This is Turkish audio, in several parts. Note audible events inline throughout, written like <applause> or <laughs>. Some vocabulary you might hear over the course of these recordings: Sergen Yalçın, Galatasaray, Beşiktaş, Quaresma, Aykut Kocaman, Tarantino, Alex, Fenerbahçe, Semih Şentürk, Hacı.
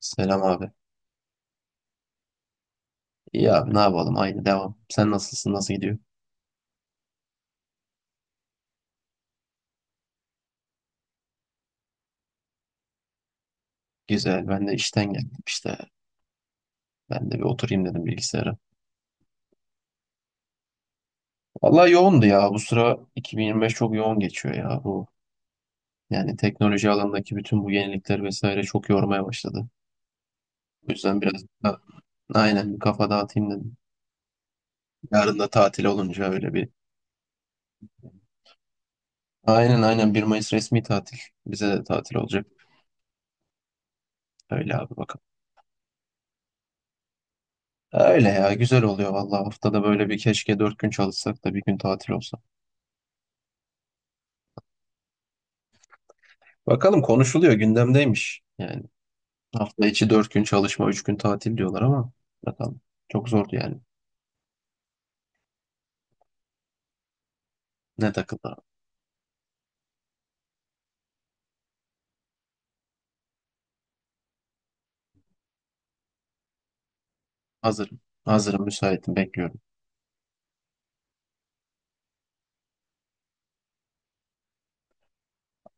Selam abi. İyi abi ne yapalım aynı devam. Sen nasılsın nasıl gidiyor? Güzel ben de işten geldim işte. Ben de bir oturayım dedim bilgisayara. Vallahi yoğundu ya bu sıra 2025 çok yoğun geçiyor ya bu. Yani teknoloji alanındaki bütün bu yenilikler vesaire çok yormaya başladı. O yüzden biraz da aynen bir kafa dağıtayım dedim. Yarın da tatil olunca öyle bir. Aynen aynen 1 Mayıs resmi tatil. Bize de tatil olacak. Öyle abi bakalım. Öyle ya güzel oluyor vallahi haftada böyle bir keşke 4 gün çalışsak da bir gün tatil olsa. Bakalım konuşuluyor gündemdeymiş. Yani hafta içi 4 gün çalışma 3 gün tatil diyorlar ama bakalım. Çok zordu yani. Ne takıldı? Hazırım. Hazırım müsaitim bekliyorum.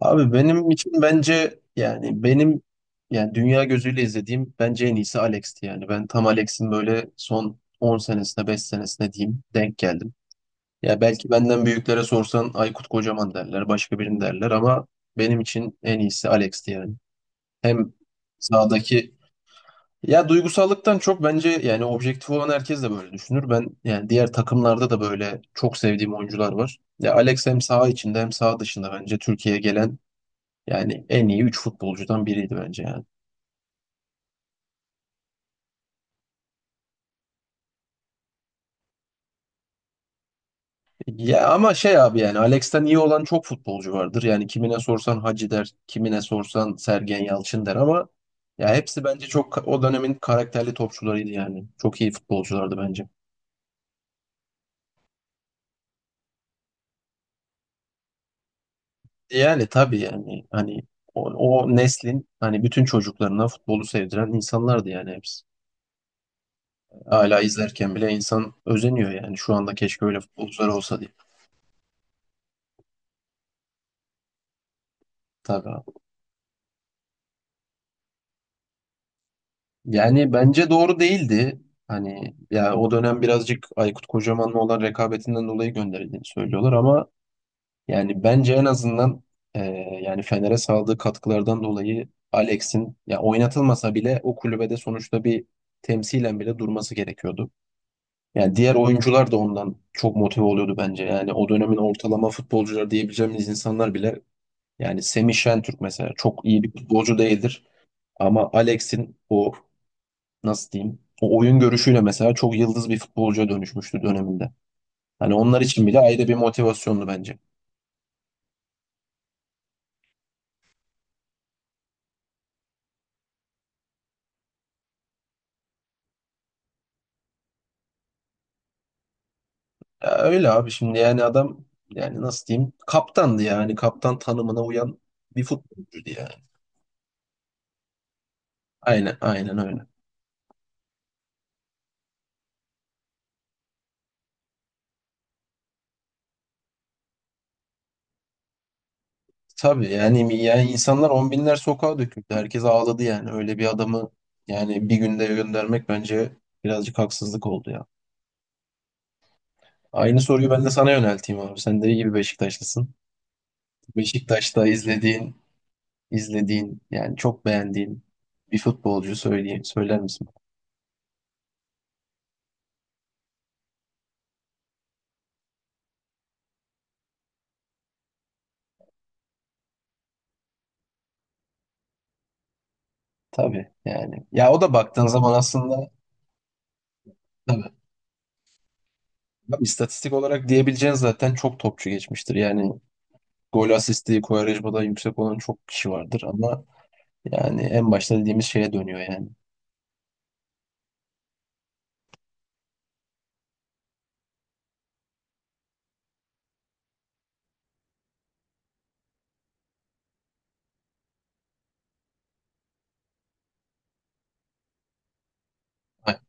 Abi benim için bence yani benim yani dünya gözüyle izlediğim bence en iyisi Alex'ti yani. Ben tam Alex'in böyle son 10 senesine 5 senesine diyeyim denk geldim. Ya belki benden büyüklere sorsan Aykut Kocaman derler başka birini derler ama benim için en iyisi Alex'ti yani. Hem sahadaki. Ya duygusallıktan çok bence yani objektif olan herkes de böyle düşünür. Ben yani diğer takımlarda da böyle çok sevdiğim oyuncular var. Ya Alex hem saha içinde hem saha dışında bence Türkiye'ye gelen yani en iyi 3 futbolcudan biriydi bence yani. Ya ama şey abi yani Alex'ten iyi olan çok futbolcu vardır. Yani kimine sorsan Hacı der, kimine sorsan Sergen Yalçın der ama ya hepsi bence çok o dönemin karakterli topçularıydı yani. Çok iyi futbolculardı bence. Yani tabii yani hani o neslin hani bütün çocuklarına futbolu sevdiren insanlardı yani hepsi. Hala izlerken bile insan özeniyor yani şu anda keşke öyle futbolcular olsa diye. Tabii abi. Yani bence doğru değildi. Hani ya o dönem birazcık Aykut Kocaman'la olan rekabetinden dolayı gönderildiğini söylüyorlar ama yani bence en azından e, yani Fener'e sağladığı katkılardan dolayı Alex'in ya oynatılmasa bile o kulübede sonuçta bir temsilen bile durması gerekiyordu. Yani diğer oyuncular da ondan çok motive oluyordu bence. Yani o dönemin ortalama futbolcular diyebileceğimiz insanlar bile yani Semih Şentürk mesela çok iyi bir futbolcu değildir. Ama Alex'in o nasıl diyeyim o oyun görüşüyle mesela çok yıldız bir futbolcuya dönüşmüştü döneminde. Hani onlar için bile ayrı bir motivasyondu bence. Ya öyle abi şimdi yani adam yani nasıl diyeyim kaptandı yani kaptan tanımına uyan bir futbolcuydu yani. Aynen aynen öyle. Tabii yani insanlar on binler sokağa döküldü. Herkes ağladı yani. Öyle bir adamı yani bir günde göndermek bence birazcık haksızlık oldu ya. Aynı soruyu ben de sana yönelteyim abi. Sen de iyi bir Beşiktaşlısın. Beşiktaş'ta izlediğin yani çok beğendiğin bir futbolcu söyleyeyim, söyler misin? Tabii yani. Ya o da baktığın zaman aslında tabii. Bak, istatistik olarak diyebileceğin zaten çok topçu geçmiştir. Yani gol asisti, kovarajı da yüksek olan çok kişi vardır ama yani en başta dediğimiz şeye dönüyor yani. A-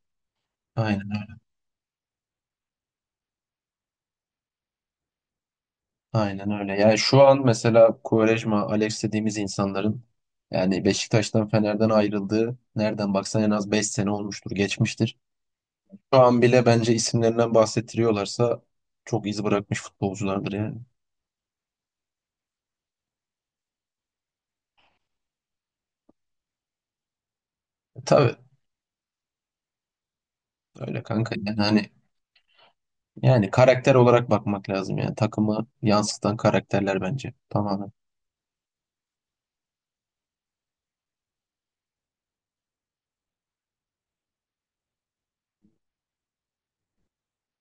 Aynen, aynen öyle. Yani şu an mesela Quaresma, Alex dediğimiz insanların yani Beşiktaş'tan, Fener'den ayrıldığı nereden baksan en az 5 sene olmuştur, geçmiştir. Şu an bile bence isimlerinden bahsettiriyorlarsa çok iz bırakmış futbolculardır yani. E, tabii öyle kanka. Yani hani yani karakter olarak bakmak lazım yani. Takımı yansıtan karakterler bence tamamen.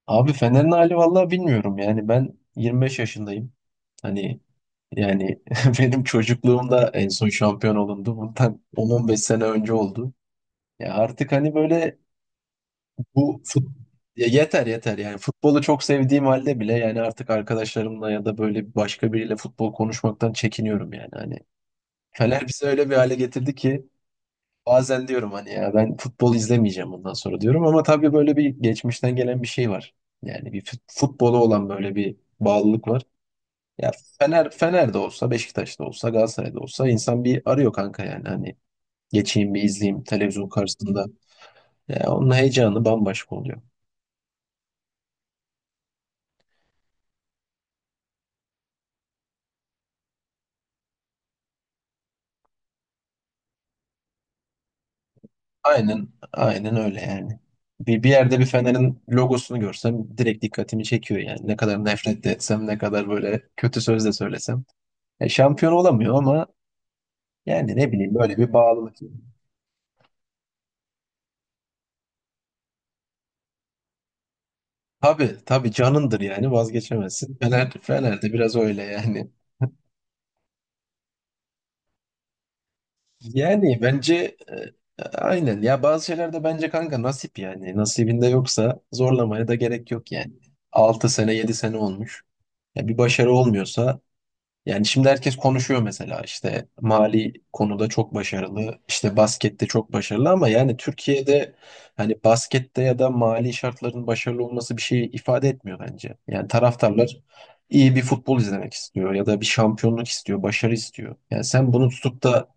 Abi Fener'in hali vallahi bilmiyorum yani ben 25 yaşındayım. Hani yani <laughs> benim çocukluğumda en son şampiyon olundu. Bundan 10 beş sene önce oldu. Ya artık hani böyle bu fut ya yeter yeter yani futbolu çok sevdiğim halde bile yani artık arkadaşlarımla ya da böyle başka biriyle futbol konuşmaktan çekiniyorum yani hani. Fener bizi öyle bir hale getirdi ki bazen diyorum hani ya ben futbol izlemeyeceğim bundan sonra diyorum ama tabii böyle bir geçmişten gelen bir şey var. Yani bir futbola olan böyle bir bağlılık var. Ya Fener'de olsa, Beşiktaş'ta olsa, Galatasaray'da olsa insan bir arıyor kanka yani hani geçeyim bir izleyeyim televizyon karşısında. Ya onun heyecanı bambaşka oluyor. Aynen, aynen öyle yani. Bir yerde bir Fener'in logosunu görsem direkt dikkatimi çekiyor yani. Ne kadar nefret de etsem, ne kadar böyle kötü söz de söylesem. E, şampiyon olamıyor ama yani ne bileyim böyle bir bağlılık. Tabii tabii canındır yani vazgeçemezsin. Fener'de biraz öyle yani. Yani bence aynen ya bazı şeylerde bence kanka nasip yani nasibinde yoksa zorlamaya da gerek yok yani. 6 sene 7 sene olmuş. Ya bir başarı olmuyorsa yani şimdi herkes konuşuyor mesela işte mali konuda çok başarılı işte baskette çok başarılı ama yani Türkiye'de hani baskette ya da mali şartların başarılı olması bir şey ifade etmiyor bence. Yani taraftarlar iyi bir futbol izlemek istiyor ya da bir şampiyonluk istiyor, başarı istiyor. Yani sen bunu tutup da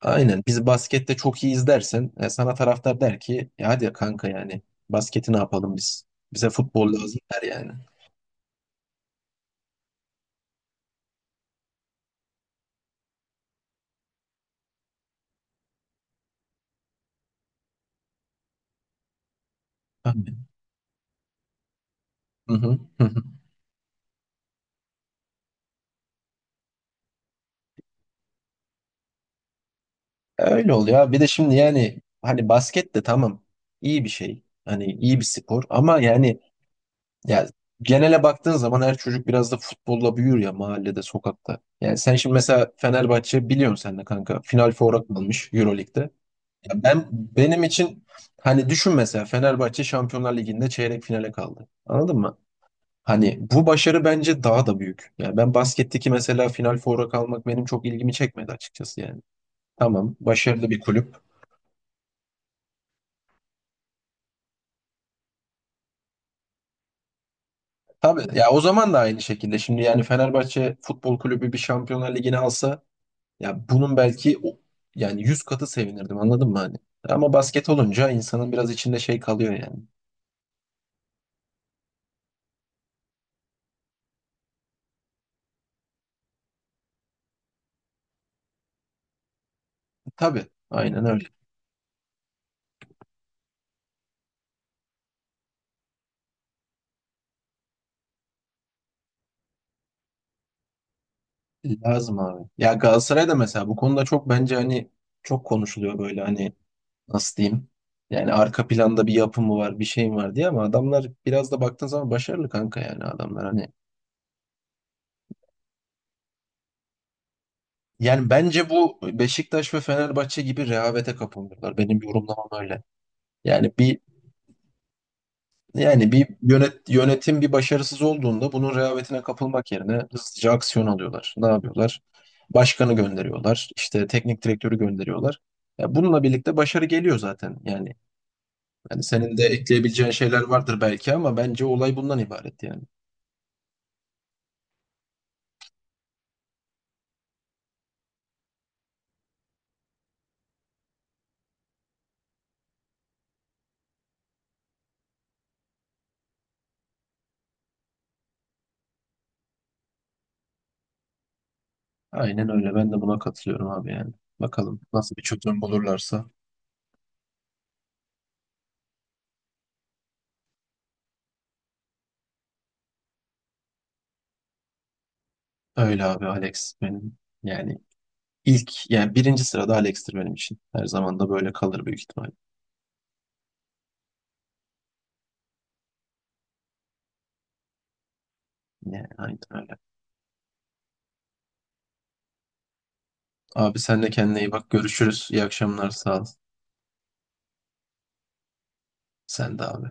aynen. Biz baskette çok iyiyiz dersen sana taraftar der ki "E hadi kanka yani basketi ne yapalım biz? Bize futbol lazım" der yani. Aynen. Hı hı. Hı hı. E, öyle oluyor abi. Bir de şimdi yani hani basket de tamam iyi bir şey. Hani iyi bir spor ama yani ya genele baktığın zaman her çocuk biraz da futbolla büyür ya mahallede, sokakta. Yani sen şimdi mesela Fenerbahçe biliyorsun sen de kanka. Final Four'a kalmış Euroleague'de. Ya benim için hani düşün mesela Fenerbahçe Şampiyonlar Ligi'nde çeyrek finale kaldı. Anladın mı? Hani bu başarı bence daha da büyük. Yani ben basketteki mesela final foura kalmak benim çok ilgimi çekmedi açıkçası yani. Tamam, başarılı bir kulüp. Tabii ya o zaman da aynı şekilde şimdi yani Fenerbahçe Futbol Kulübü bir Şampiyonlar Ligi'ni alsa ya bunun belki yani 100 katı sevinirdim anladın mı hani? Ama basket olunca insanın biraz içinde şey kalıyor yani. Tabii, aynen öyle. Lazım abi. Ya Galatasaray'da mesela bu konuda çok bence hani çok konuşuluyor böyle hani nasıl diyeyim? Yani arka planda bir yapı mı var, bir şey mi var diye ama adamlar biraz da baktığın zaman başarılı kanka yani adamlar hani. Yani bence bu Beşiktaş ve Fenerbahçe gibi rehavete kapılıyorlar. Benim yorumlamam öyle. Yani bir Yani bir yönetim bir başarısız olduğunda bunun rehavetine kapılmak yerine hızlıca aksiyon alıyorlar. Ne yapıyorlar? Başkanı gönderiyorlar, işte teknik direktörü gönderiyorlar. Ya bununla birlikte başarı geliyor zaten. Yani senin de ekleyebileceğin şeyler vardır belki ama bence olay bundan ibaret yani. Aynen öyle. Ben de buna katılıyorum abi yani. Bakalım nasıl bir çözüm bulurlarsa. Öyle abi Alex benim yani ilk yani birinci sırada Alex'tir benim için. Her zaman da böyle kalır büyük ihtimal. Yani aynen öyle. Abi sen de kendine iyi bak. Görüşürüz. İyi akşamlar. Sağ ol. Sen de abi.